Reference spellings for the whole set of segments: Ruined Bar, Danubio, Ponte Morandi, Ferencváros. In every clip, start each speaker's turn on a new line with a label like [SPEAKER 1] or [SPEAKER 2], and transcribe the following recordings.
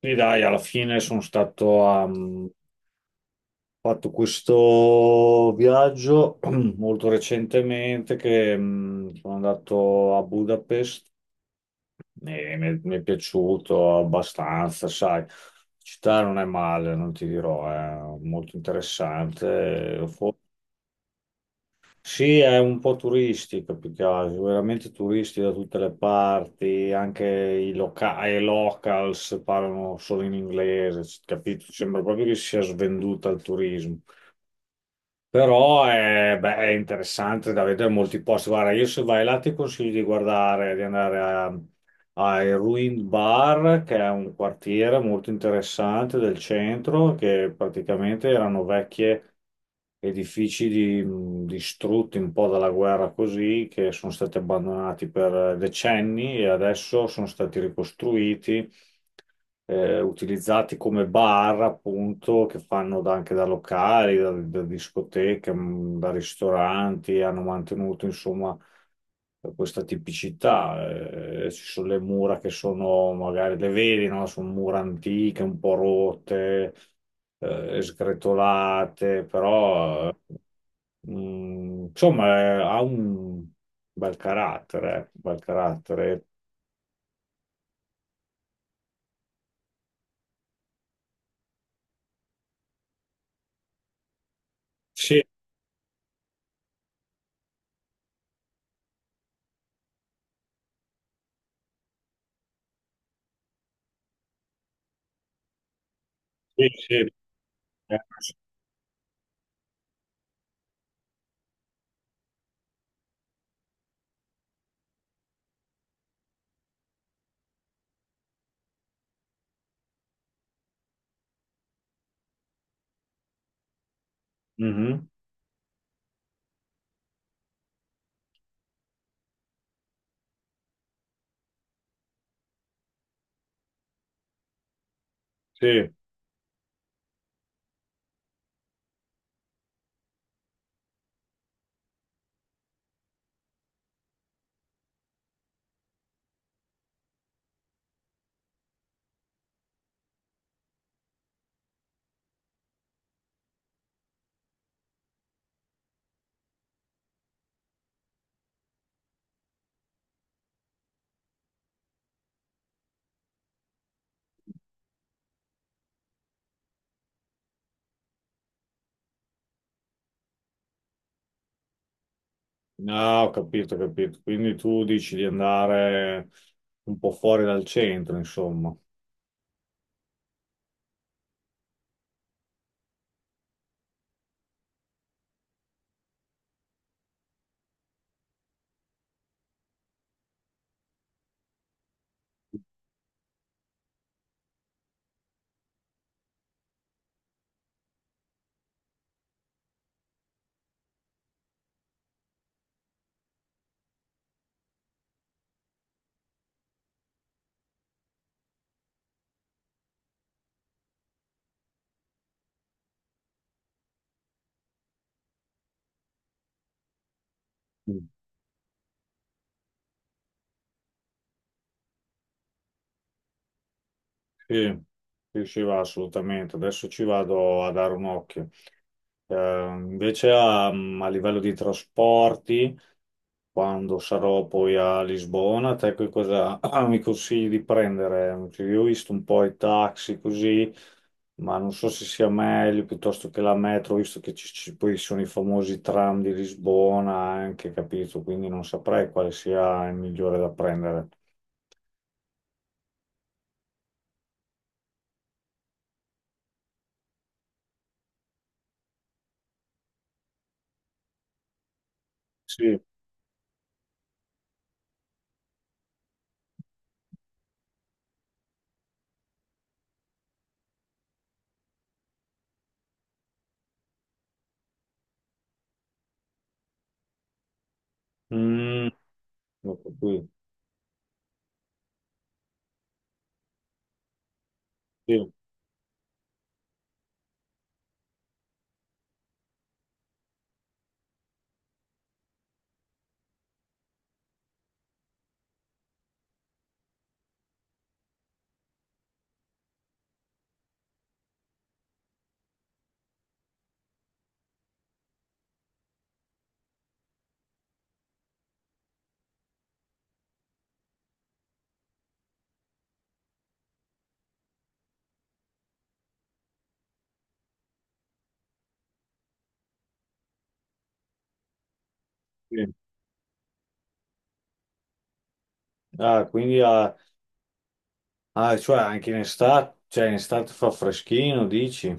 [SPEAKER 1] Sì, dai, alla fine sono stato a... ho fatto questo viaggio molto recentemente che sono andato a Budapest e mi è piaciuto abbastanza, sai. La città non è male, non ti dirò, è molto interessante. Sì, è un po' turistico più che altro, veramente turisti da tutte le parti, anche i locals parlano solo in inglese, capito? Sembra proprio che sia svenduta al turismo. Però è interessante da vedere molti posti. Guarda, io se vai là ti consiglio di guardare, di andare a hai Ruined Bar, che è un quartiere molto interessante del centro, che praticamente erano vecchie edifici distrutti un po' dalla guerra così, che sono stati abbandonati per decenni e adesso sono stati ricostruiti, utilizzati come bar, appunto, che fanno anche da locali, da discoteche, da ristoranti, hanno mantenuto, insomma, questa tipicità. Ci sono le mura che sono, magari le vedi, no? Sono mura antiche, un po' rotte, sgretolate. Però ha un bel carattere, bel carattere. Sì, sì, sì. eh, mhm. Sì, no, ho capito, ho capito. Quindi tu dici di andare un po' fuori dal centro, insomma. Sì, sì, sì, va assolutamente. Adesso ci vado a dare un occhio. Invece a, a livello di trasporti, quando sarò poi a Lisbona, te che cosa mi consigli di prendere? Cioè, io ho visto un po' i taxi così, ma non so se sia meglio piuttosto che la metro, visto che poi sono i famosi tram di Lisbona anche, capito? Quindi non saprei quale sia il migliore da prendere. Sì. Mm, ho capito. Sì, sì. Ah, quindi ah, ah, cioè anche in estate, cioè in estate fa freschino, dici?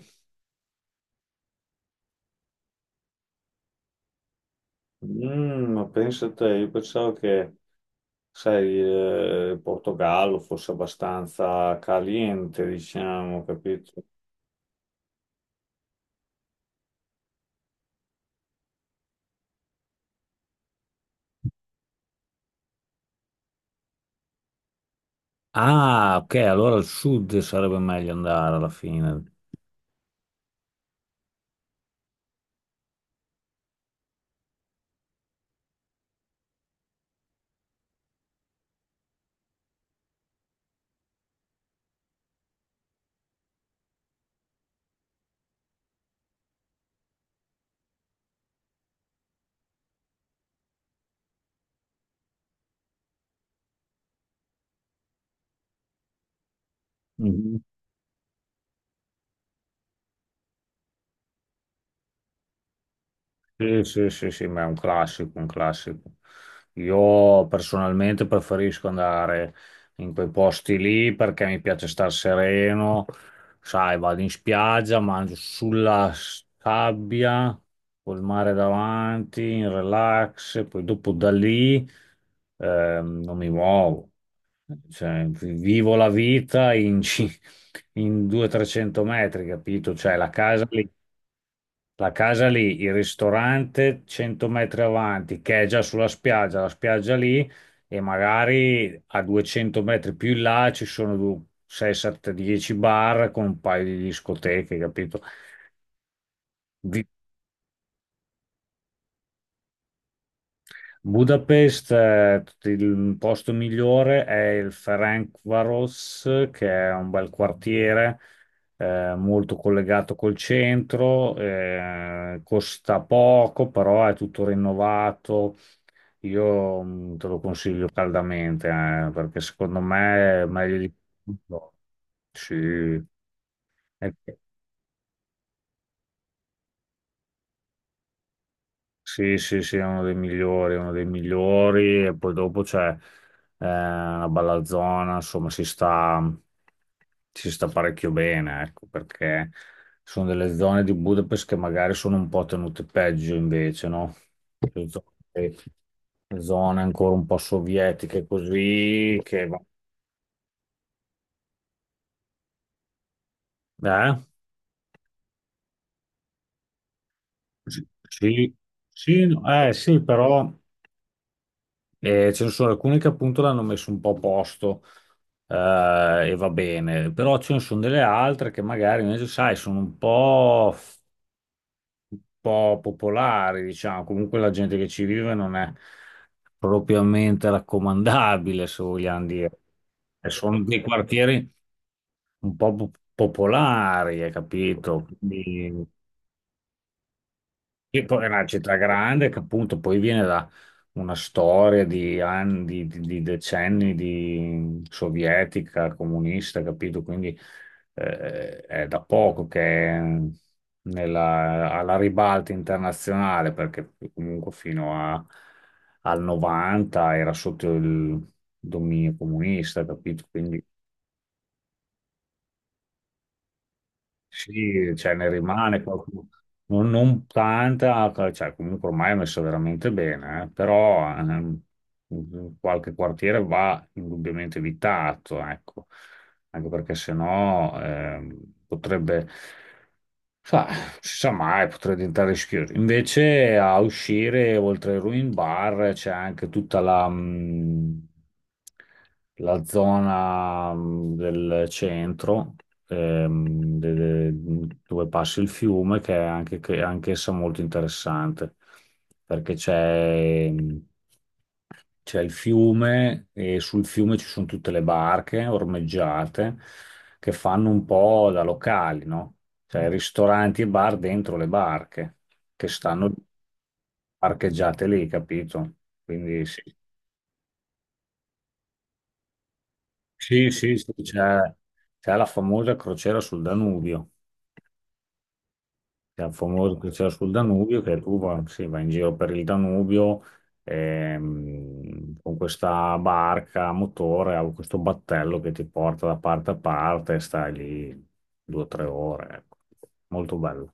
[SPEAKER 1] Mm, ma pensa te, io pensavo che, sai, il Portogallo fosse abbastanza caliente, diciamo, capito? Ah, ok, allora al sud sarebbe meglio andare alla fine. Mhm. Sì, sì, sì, sì, ma è un classico, un classico. Io personalmente preferisco andare in quei posti lì perché mi piace star sereno, sai, vado in spiaggia, mangio sulla sabbia, col mare davanti, in relax. Poi dopo da lì non mi muovo, cioè, vivo la vita in 200-300 metri, capito? Cioè la casa lì. La casa lì, il ristorante 100 metri avanti, che è già sulla spiaggia, la spiaggia lì, e magari a 200 metri più in là ci sono 6, 7, 10 bar con un paio di discoteche, capito? Vi- Budapest, il posto migliore è il Ferencváros, che è un bel quartiere, molto collegato col centro, costa poco, però è tutto rinnovato. Io te lo consiglio caldamente, perché secondo me è meglio di tutto. Sì, è- sì, sì, sì, è uno dei migliori, è uno dei migliori, e poi dopo c'è una bella zona, insomma. Si sta parecchio bene, ecco, perché sono delle zone di Budapest che magari sono un po' tenute peggio invece, no? Cioè, Zone, le zone ancora un po' sovietiche così, che... va- Eh? Sì, sì, sì, no, sì, però ce ne sono alcune che appunto l'hanno messo un po' a posto, e va bene, però ce ne sono delle altre che magari invece, sai, sono un po' popolari, diciamo. Comunque la gente che ci vive non è propriamente raccomandabile, se vogliamo dire. E sono dei quartieri un po' popolari, hai capito? Sì, poi è una città grande che appunto poi viene da una storia di anni, di decenni di sovietica, comunista, capito? Quindi è da poco che è alla ribalta internazionale, perché comunque al 90 era sotto il dominio comunista, capito? Quindi sì, cioè ne rimane qualcuno, non, non tanta, cioè comunque ormai è messo veramente bene, eh. Però qualche quartiere va indubbiamente evitato, ecco, anche perché sennò potrebbe Sa, non si sa mai, potrei diventare rischioso. Invece a uscire, oltre ai Ruin Bar, c'è anche tutta la zona del centro, ehm, de- dove passa il fiume, che è che è anch'essa molto interessante, perché c'è il fiume e sul fiume ci sono tutte le barche ormeggiate che fanno un po' da locali, no? Cioè ristoranti e bar dentro le barche che stanno parcheggiate lì, capito? Quindi sì, sì, sì, sì, c'è la famosa crociera sul Danubio. C'è il famoso crociera sul Danubio che tu va, sì, vai in giro per il Danubio con questa barca a motore, ha questo battello che ti porta da parte a parte e stai lì 2 o 3 ore. Ecco. Molto bello.